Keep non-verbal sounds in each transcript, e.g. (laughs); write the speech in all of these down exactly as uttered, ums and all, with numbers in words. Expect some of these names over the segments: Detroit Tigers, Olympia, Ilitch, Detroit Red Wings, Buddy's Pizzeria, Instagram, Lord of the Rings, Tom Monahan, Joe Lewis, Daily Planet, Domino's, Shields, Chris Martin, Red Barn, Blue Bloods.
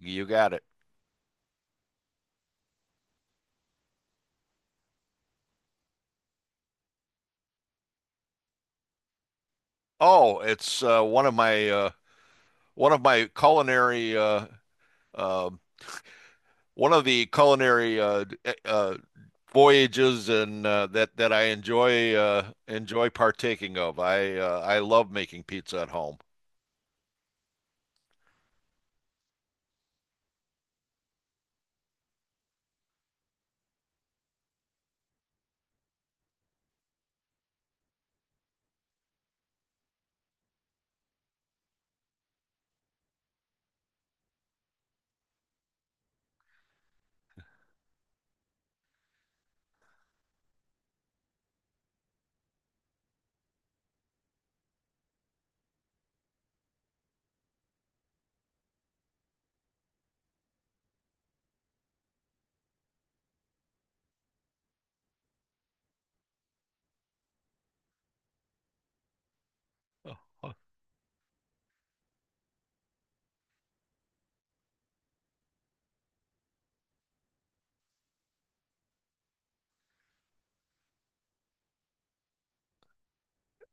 You got it. Oh, it's uh, one of my uh, one of my culinary uh, um one of the culinary uh, d- eh, uh, voyages and uh, that that I enjoy uh, enjoy partaking of. I uh, I love making pizza at home.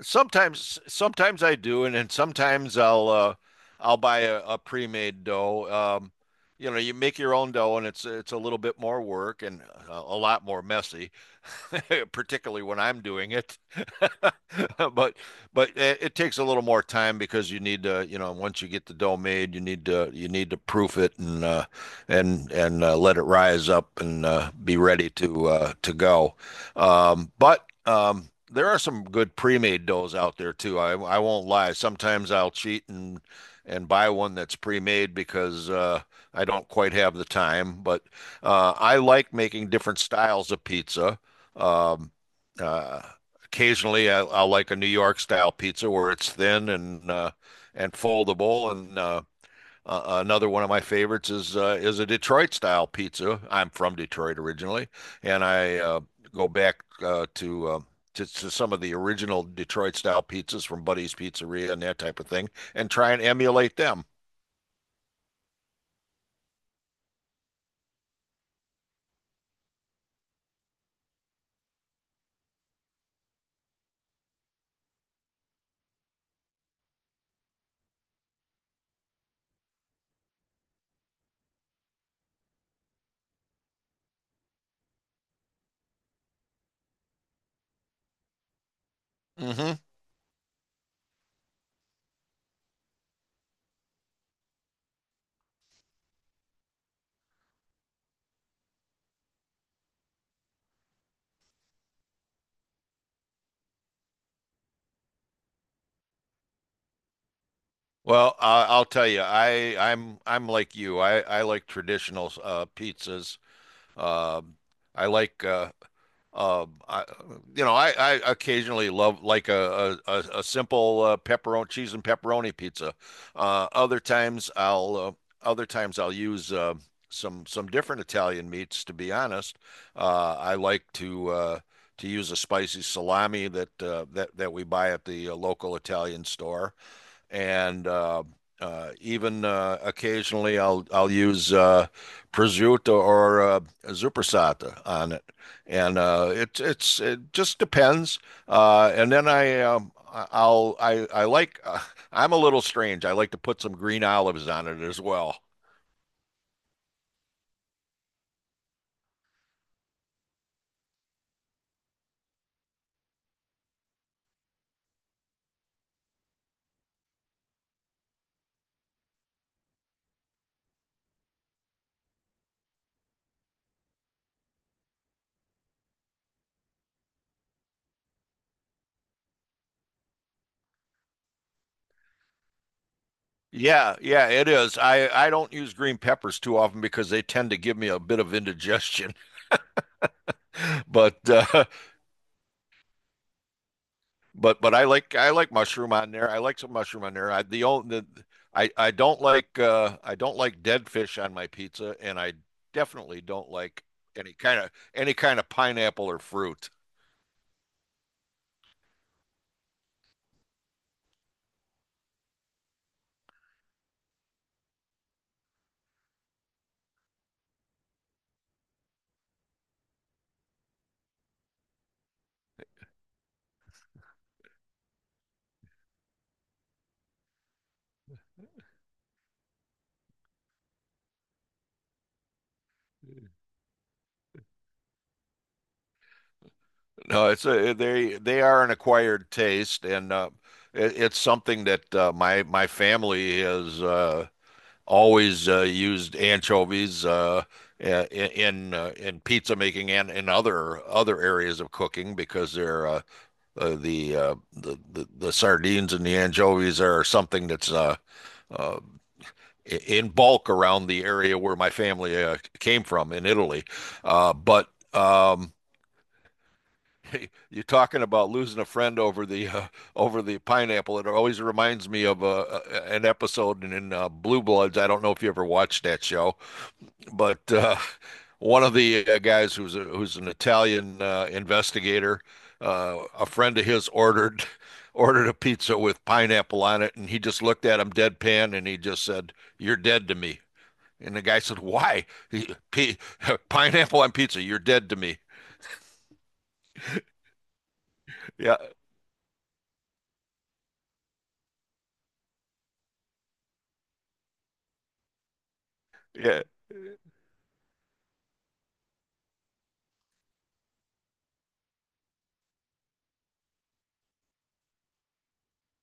Sometimes, sometimes I do, and then sometimes I'll uh, I'll buy a, a pre-made dough. Um, you know, you make your own dough, and it's it's a little bit more work and a, a lot more messy, (laughs) particularly when I'm doing it. (laughs) But but it, it takes a little more time because you need to, you know, once you get the dough made, you need to you need to proof it and uh, and and uh, let it rise up and uh, be ready to uh, to go. Um, but um, there are some good pre-made doughs out there too. I I won't lie. Sometimes I'll cheat and and buy one that's pre-made because uh, I don't quite have the time. But uh, I like making different styles of pizza. Um, uh, Occasionally, I, I like a New York style pizza where it's thin and uh, and foldable, and uh, uh, uh, another one of my favorites is uh, is a Detroit style pizza. I'm from Detroit originally, and I uh, go back uh, to, uh, to to some of the original Detroit style pizzas from Buddy's Pizzeria and that type of thing, and try and emulate them. hmm Well, uh, I'll tell you, I I'm I'm like you. I I like traditional uh, pizzas. Um, I like uh, um, I, you know, I, I occasionally love like a a, a simple uh, pepperoni cheese and pepperoni pizza. Uh, other times I'll uh, other times I'll use uh, some some different Italian meats. To be honest, uh, I like to uh, to use a spicy salami that uh, that that we buy at the uh, local Italian store and uh, uh, even uh, occasionally I'll I'll use uh, prosciutto or uh, zuppersata on it, and uh, it it's it just depends. Uh, and then I um, I- I'll I I like uh, I'm a little strange. I like to put some green olives on it as well. Yeah, yeah, it is. I I don't use green peppers too often because they tend to give me a bit of indigestion. (laughs) But uh, But but I like I like mushroom on there. I like some mushroom on there. I the only the, I I don't like uh I don't like dead fish on my pizza, and I definitely don't like any kind of any kind of pineapple or fruit. No, it's a they they are an acquired taste, and uh, it, it's something that uh, my my family has uh, always uh, used anchovies uh, i- in uh, in pizza making and in other other areas of cooking because they're uh, uh, the, uh, the the the sardines and the anchovies are something that's uh, uh, in bulk around the area where my family uh, came from in Italy. Uh, but um, (laughs) you're talking about losing a friend over the uh, over the pineapple. It always reminds me of uh, a- an episode in, in uh, Blue Bloods. I don't know if you ever watched that show, but uh, one of the uh, guys who's a, who's an Italian uh, investigator, uh, a friend of his ordered (laughs) ordered a pizza with pineapple on it, and he just looked at him deadpan, and he just said, "You're dead to me." And the guy said, "Why? He, p (laughs) Pineapple on pizza? You're dead to me." Yeah, yeah,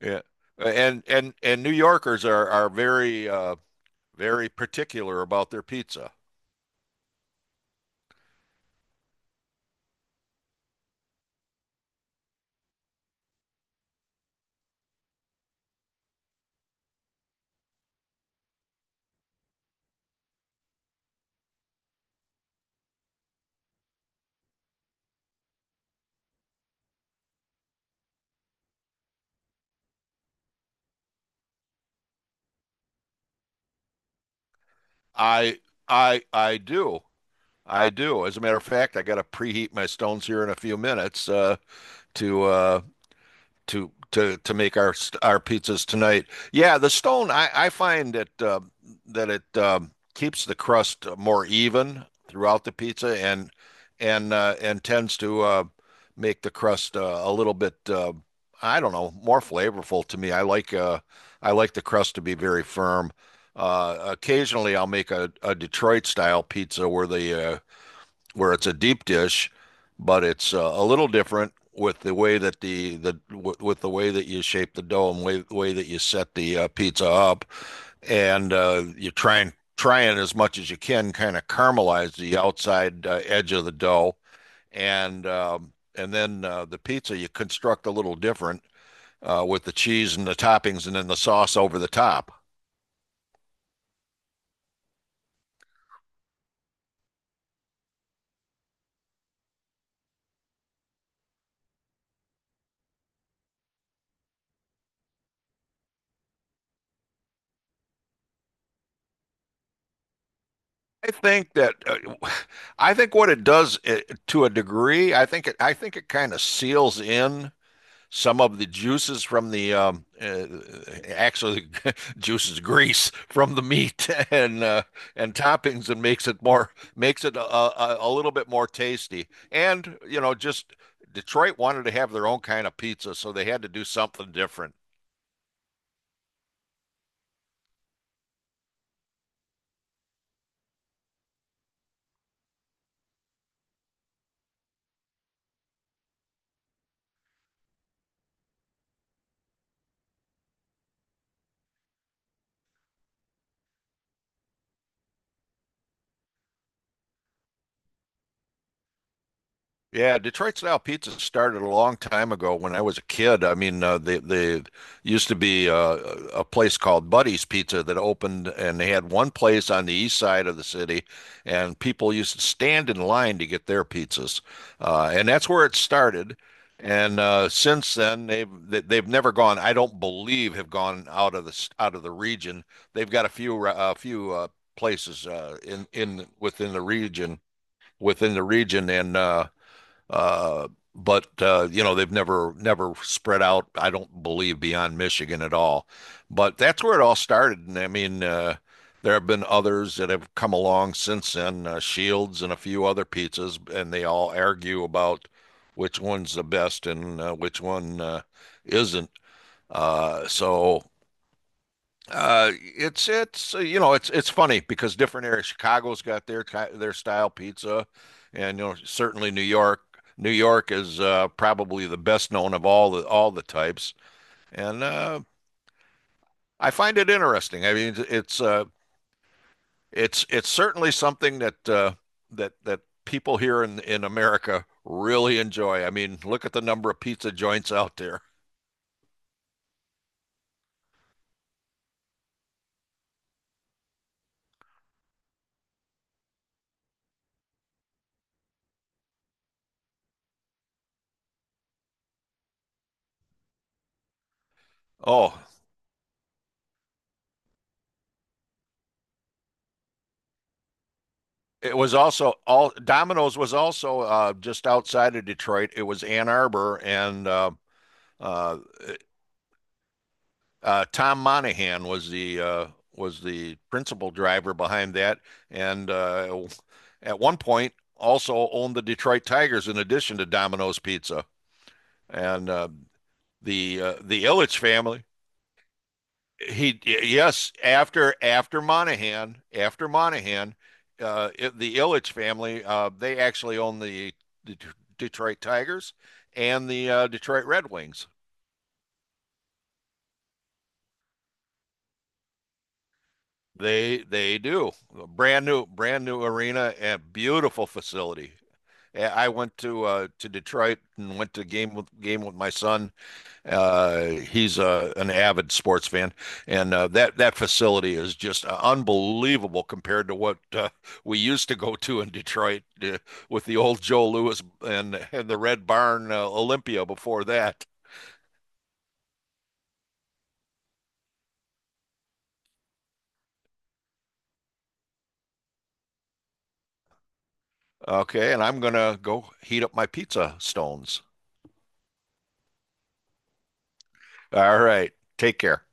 yeah. And and and New Yorkers are are very uh, very particular about their pizza. I I I do. I do. As a matter of fact, I got to preheat my stones here in a few minutes uh, to uh, to to to make our st- our pizzas tonight. Yeah, the stone I, I find that uh, that it um, keeps the crust more even throughout the pizza and and uh, and tends to uh, make the crust uh, a little bit uh, I don't know, more flavorful to me. I like uh, I like the crust to be very firm. Uh, occasionally, I'll make a, a Detroit style pizza where the uh, where it's a deep dish, but it's uh, a little different with the way that the the w- with the way that you shape the dough and way way that you set the uh, pizza up, and uh, you try and try and as much as you can kind of caramelize the outside uh, edge of the dough, and um, and then uh, the pizza you construct a little different uh, with the cheese and the toppings and then the sauce over the top. I think that uh, I think what it does uh to a degree, I think it I think it kind of seals in some of the juices from the um uh, actually (laughs) juices grease from the meat (laughs) and uh, and toppings and makes it more makes it a, a, a little bit more tasty. And you know, just Detroit wanted to have their own kind of pizza, so they had to do something different. Yeah, Detroit style pizza started a long time ago when I was a kid. I mean, uh, they they used to be uh, a place called Buddy's Pizza that opened, and they had one place on the east side of the city, and people used to stand in line to get their pizzas, uh, and that's where it started. And uh, since then, they've they- they've never gone. I don't believe have gone out of the s- out of the region. They've got a few a few uh, places uh, in in within the region within the region and. Uh, uh, but uh, you know, they've never never spread out, I don't believe, beyond Michigan at all. But that's where it all started. And I mean, uh, there have been others that have come along since then, uh, Shields and a few other pizzas, and they all argue about which one's the best and uh, which one uh, isn't. Uh, so uh, it's it's uh, You know, it's it's funny because different areas. Chicago's got their ki- their style pizza, and you know certainly New York. New York is uh, probably the best known of all the all the types, and uh, I find it interesting. I mean, it's uh, it's it's certainly something that uh, that that people here in in America really enjoy. I mean, look at the number of pizza joints out there. Oh, it was also all Domino's was also uh, just outside of Detroit. It was Ann Arbor, and uh, uh, uh, Tom Monahan was the uh, was the principal driver behind that, and uh, at one point also owned the Detroit Tigers in addition to Domino's Pizza. And uh, the uh, the Ilitch family. He Yes, after after Monahan, after Monahan, uh, it, the Ilitch family, uh, they actually own the Det- Detroit Tigers and the uh, Detroit Red Wings. They they do. Brand new brand new arena and beautiful facility. Uh, I went to uh, to Detroit and went to game with game with my son. Uh, he's uh, An avid sports fan, and uh, that that facility is just uh, unbelievable compared to what uh, we used to go to in Detroit uh, with the old Joe Lewis and, and the Red Barn uh, Olympia before that. Okay, and I'm gonna go heat up my pizza stones. All right, take care.